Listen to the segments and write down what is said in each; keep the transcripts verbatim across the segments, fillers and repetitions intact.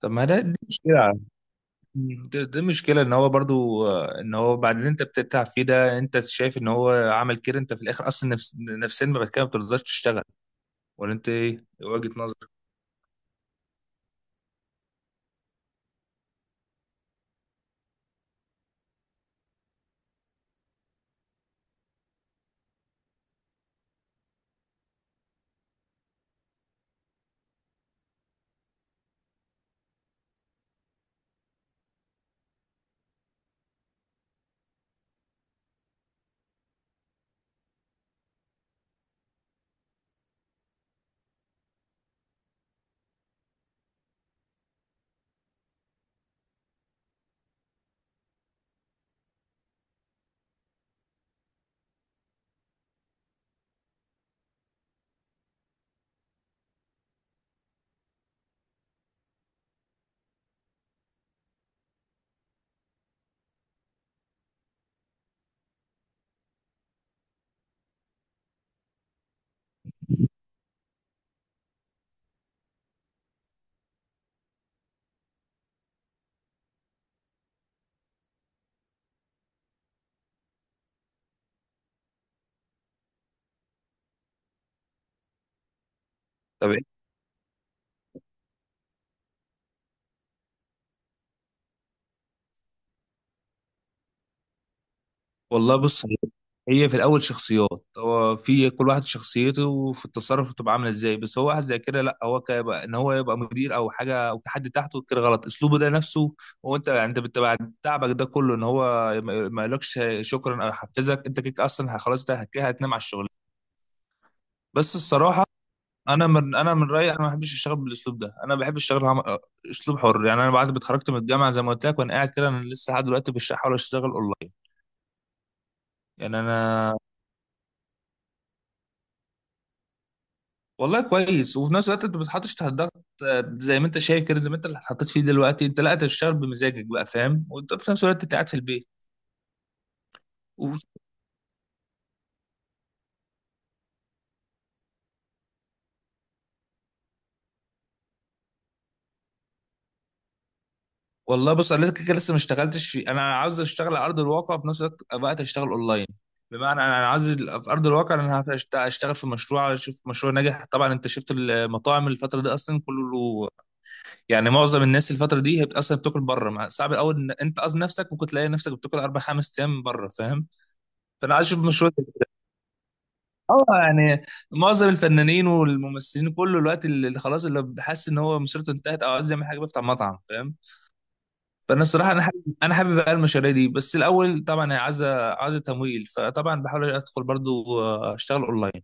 طب ما ده دي مشكلة. دي, دي مشكلة ان هو برضو، آه، ان هو بعد اللي انت بتتعب فيه ده، انت شايف ان هو عمل كده، انت في الاخر اصلا نفس نفسيا بعد كده ما بترضاش تشتغل. ولا انت ايه وجهة نظرك؟ طب إيه؟ والله بص، هي في الاول شخصيات. هو في كل واحد شخصيته وفي التصرف بتبقى عامله ازاي، بس هو واحد زي كده لا، هو كيبقى ان هو يبقى مدير او حاجه او في حد تحته كده غلط اسلوبه ده نفسه. هو انت، يعني انت بت- بعد تعبك ده كله ان هو ما ما يقولكش شكرا او يحفزك، انت كده اصلا خلاص، ده كده هتنام على الشغل. بس الصراحه، انا من انا من رايي انا ما بحبش اشتغل بالاسلوب ده، انا بحب اشتغل عم- اسلوب حر. يعني انا بعد ما اتخرجت من الجامعه زي ما قلت لك، وانا قاعد كده انا لسه لحد دلوقتي مش بحاول اشتغل اونلاين. يعني انا، والله كويس، وفي نفس الوقت انت ما بتتحطش تحت ضغط، آه، زي ما انت شايف كده، زي ما انت اللي اتحطيت فيه دلوقتي، انت لا، أنت بتشتغل بمزاجك بقى فاهم، وانت في نفس الوقت انت قاعد في البيت. والله بص، انا لسه كده لسه ما اشتغلتش في، انا عاوز اشتغل على ارض الواقع، وفي نفس الوقت الوقت اشتغل اونلاين. بمعنى انا أنا عاوز ال- في ارض الواقع انا هشت- هشتغل في مشروع، اشوف مشروع ناجح. طبعا انت شفت المطاعم الفتره دي اصلا كله، يعني معظم الناس الفتره دي هي اصلا بتاكل بره، مع- صعب الاول ان انت اصلا نفسك ممكن تلاقي نفسك بتاكل اربع خمس ايام بره فاهم. فانا عايز اشوف مشروع كده. اه يعني معظم الفنانين والممثلين كله، الوقت اللي اللي خلاص، اللي حاسس ان هو مسيرته انتهت او عايز يعمل حاجه بيفتح مطعم فاهم. فانا الصراحه، انا حابب انا حابب بقى المشاريع دي، بس الاول طبعا هي عايزه عايزه تمويل، فطبعا بحاول ادخل برضو، آه، اشتغل اونلاين.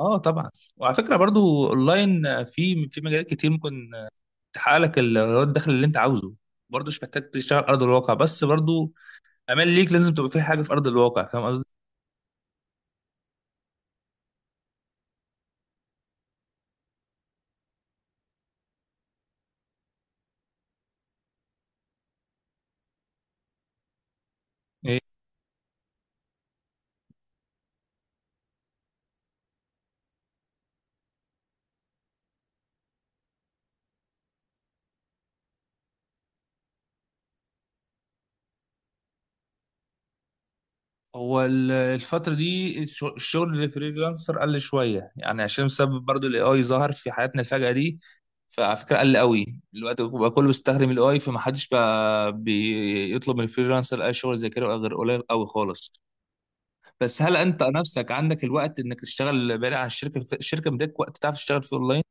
اه طبعا. وعلى فكره برضو اونلاين، آه، في في مجالات كتير ممكن آه، تحقق لك ال- الدخل اللي انت عاوزه. برضو مش محتاج تشتغل على ارض الواقع بس، برضو امال ليك لازم تبقى في حاجه في ارض الواقع، فاهم قصدي؟ هو ال- الفترة دي الش- الشغل الفريلانسر قل شوية، يعني عشان بسبب برضو الاي اي ظهر في حياتنا الفجأة دي. فعلى فكرة قل قوي دلوقتي بقى، كله بيستخدم الاي اي، فمحدش بقى بيطلب من الفريلانسر اي شغل زي كده بقى غير قليل قوي خالص. بس هل انت نفسك عندك الوقت انك تشتغل بعيد عن الشركة الشركة مديك وقت تعرف تشتغل فيه اونلاين؟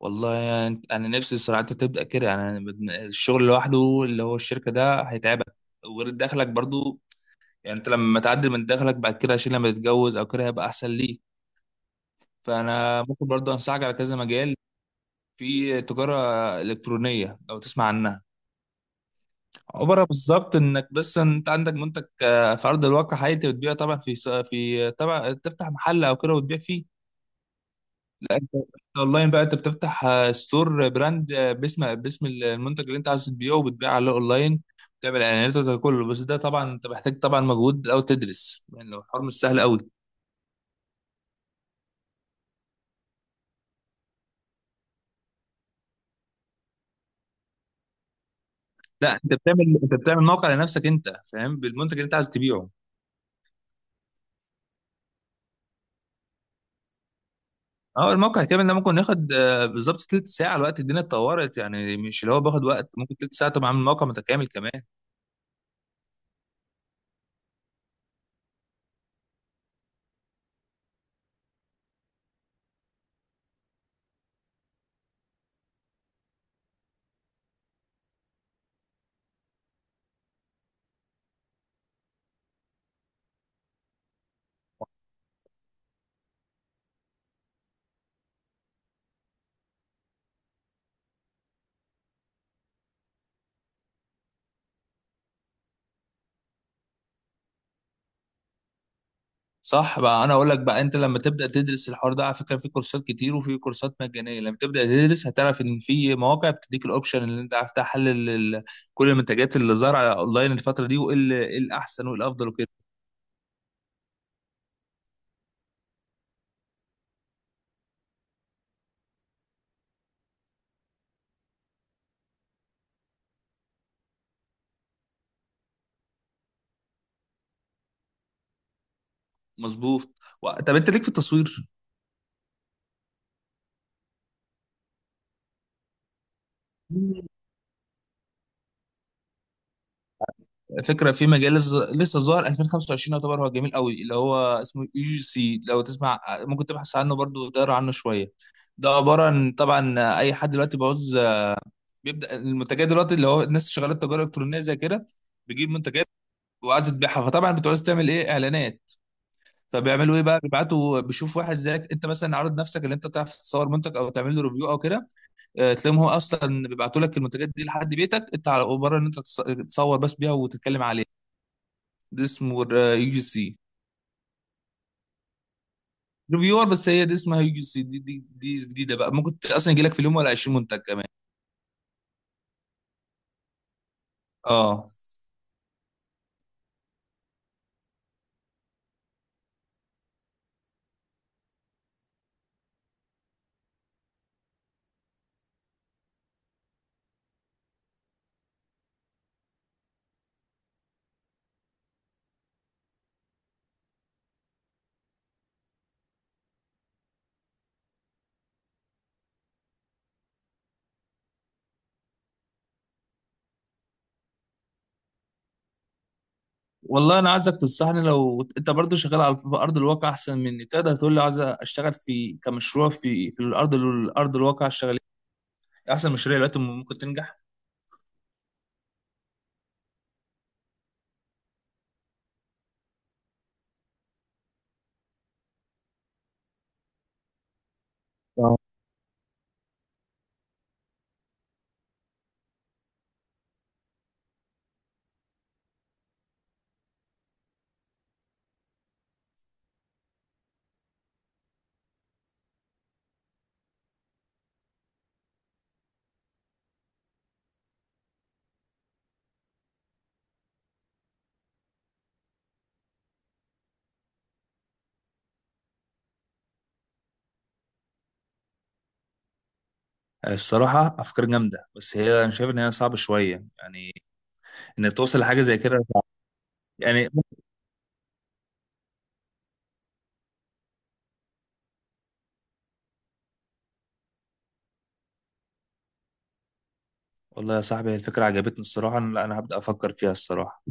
والله يعني انا نفسي الصراحة انت تبدأ كده، يعني أنا بد- الشغل لوحده اللي هو الشركة ده هيتعبك، وغير دخلك برضو، يعني انت لما تعدل من دخلك بعد كده عشان لما تتجوز او كده هيبقى احسن ليك. فانا ممكن برضه انصحك على كذا مجال، في تجاره الكترونيه لو تسمع عنها. عباره بالظبط انك بس انت عندك منتج، آه، في ارض الواقع حقيقي انت بتبيعه، طبعا في س- في طبعا تفتح محل او كده وتبيع فيه. اونلاين بقى انت بتفتح، آه، ستور براند، آه، باسم باسم المنتج اللي انت عايز تبيعه، وبتبيع عليه اونلاين. تعمل اعلانات وده كله، بس ده طبعا انت محتاج طبعا مجهود او تدرس، يعني لو الحوار مش سهل قوي. لا، انت بتعمل انت بتعمل موقع لنفسك انت فاهم، بالمنتج اللي انت عايز تبيعه. اه الموقع كامل ده ممكن ياخد، آه، بالظبط تلت ساعه. الوقت الدنيا اتطورت، يعني مش اللي هو باخد وقت، ممكن تلت ساعه تبقى عامل موقع متكامل كمان. صح بقى. انا اقول لك بقى، انت لما تبدا تدرس الحوار ده، على فكره في كورسات كتير وفي كورسات مجانيه، لما تبدا تدرس هتعرف ان في مواقع بتديك الاوبشن اللي انت عارف تحلل ال- كل المنتجات اللي ظاهره على اونلاين الفتره دي، وايه ال- إيه الاحسن وايه الافضل وكده. مظبوط. و- طب انت ليك في التصوير؟ فكره في مجال لسه لسه ظاهر ألفين وخمسة وعشرين يعتبر، هو جميل قوي، اللي هو اسمه اي جي سي لو تسمع، ممكن تبحث عنه برضو وتقرا عنه شويه. ده عباره عن، طبعا اي حد دلوقتي بعوز، بيبدا المنتجات دلوقتي، اللي هو الناس شغاله تجاره الكترونيه زي كده، بيجيب منتجات وعايز تبيعها، فطبعا بتعوز تعمل ايه اعلانات. فبيعملوا ايه بقى، بيبعتوا بيشوف واحد زيك انت مثلا عارض نفسك ان انت تعرف تصور منتج او تعمل له ريفيو او كده، آه، تلاقيهم هو اصلا بيبعتوا لك المنتجات دي لحد بيتك انت، على مجرد ان انت تص- تصور بس بيها وتتكلم عليها. دي اسمه يو جي سي. ريفيور، بس هي دي اسمها يو جي سي، دي دي دي جديده بقى، ممكن ت- اصلا يجي لك في اليوم ولا 20 منتج كمان. اه. والله انا عايزك تنصحني، لو انت برضو شغال على في ارض الواقع احسن مني، تقدر تقول لي عايز اشتغل في كمشروع في في الارض الارض الواقع اشتغل، إيه؟ احسن مشاريع دلوقتي ممكن تنجح؟ آه. الصراحة أفكار جامدة، بس هي أنا شايف إن هي صعبة شوية. يعني إنك توصل لحاجة زي كده صعب. يعني. والله يا صاحبي الفكرة عجبتني الصراحة، أنا- لا أنا هبدأ أفكر فيها الصراحة.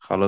خلاص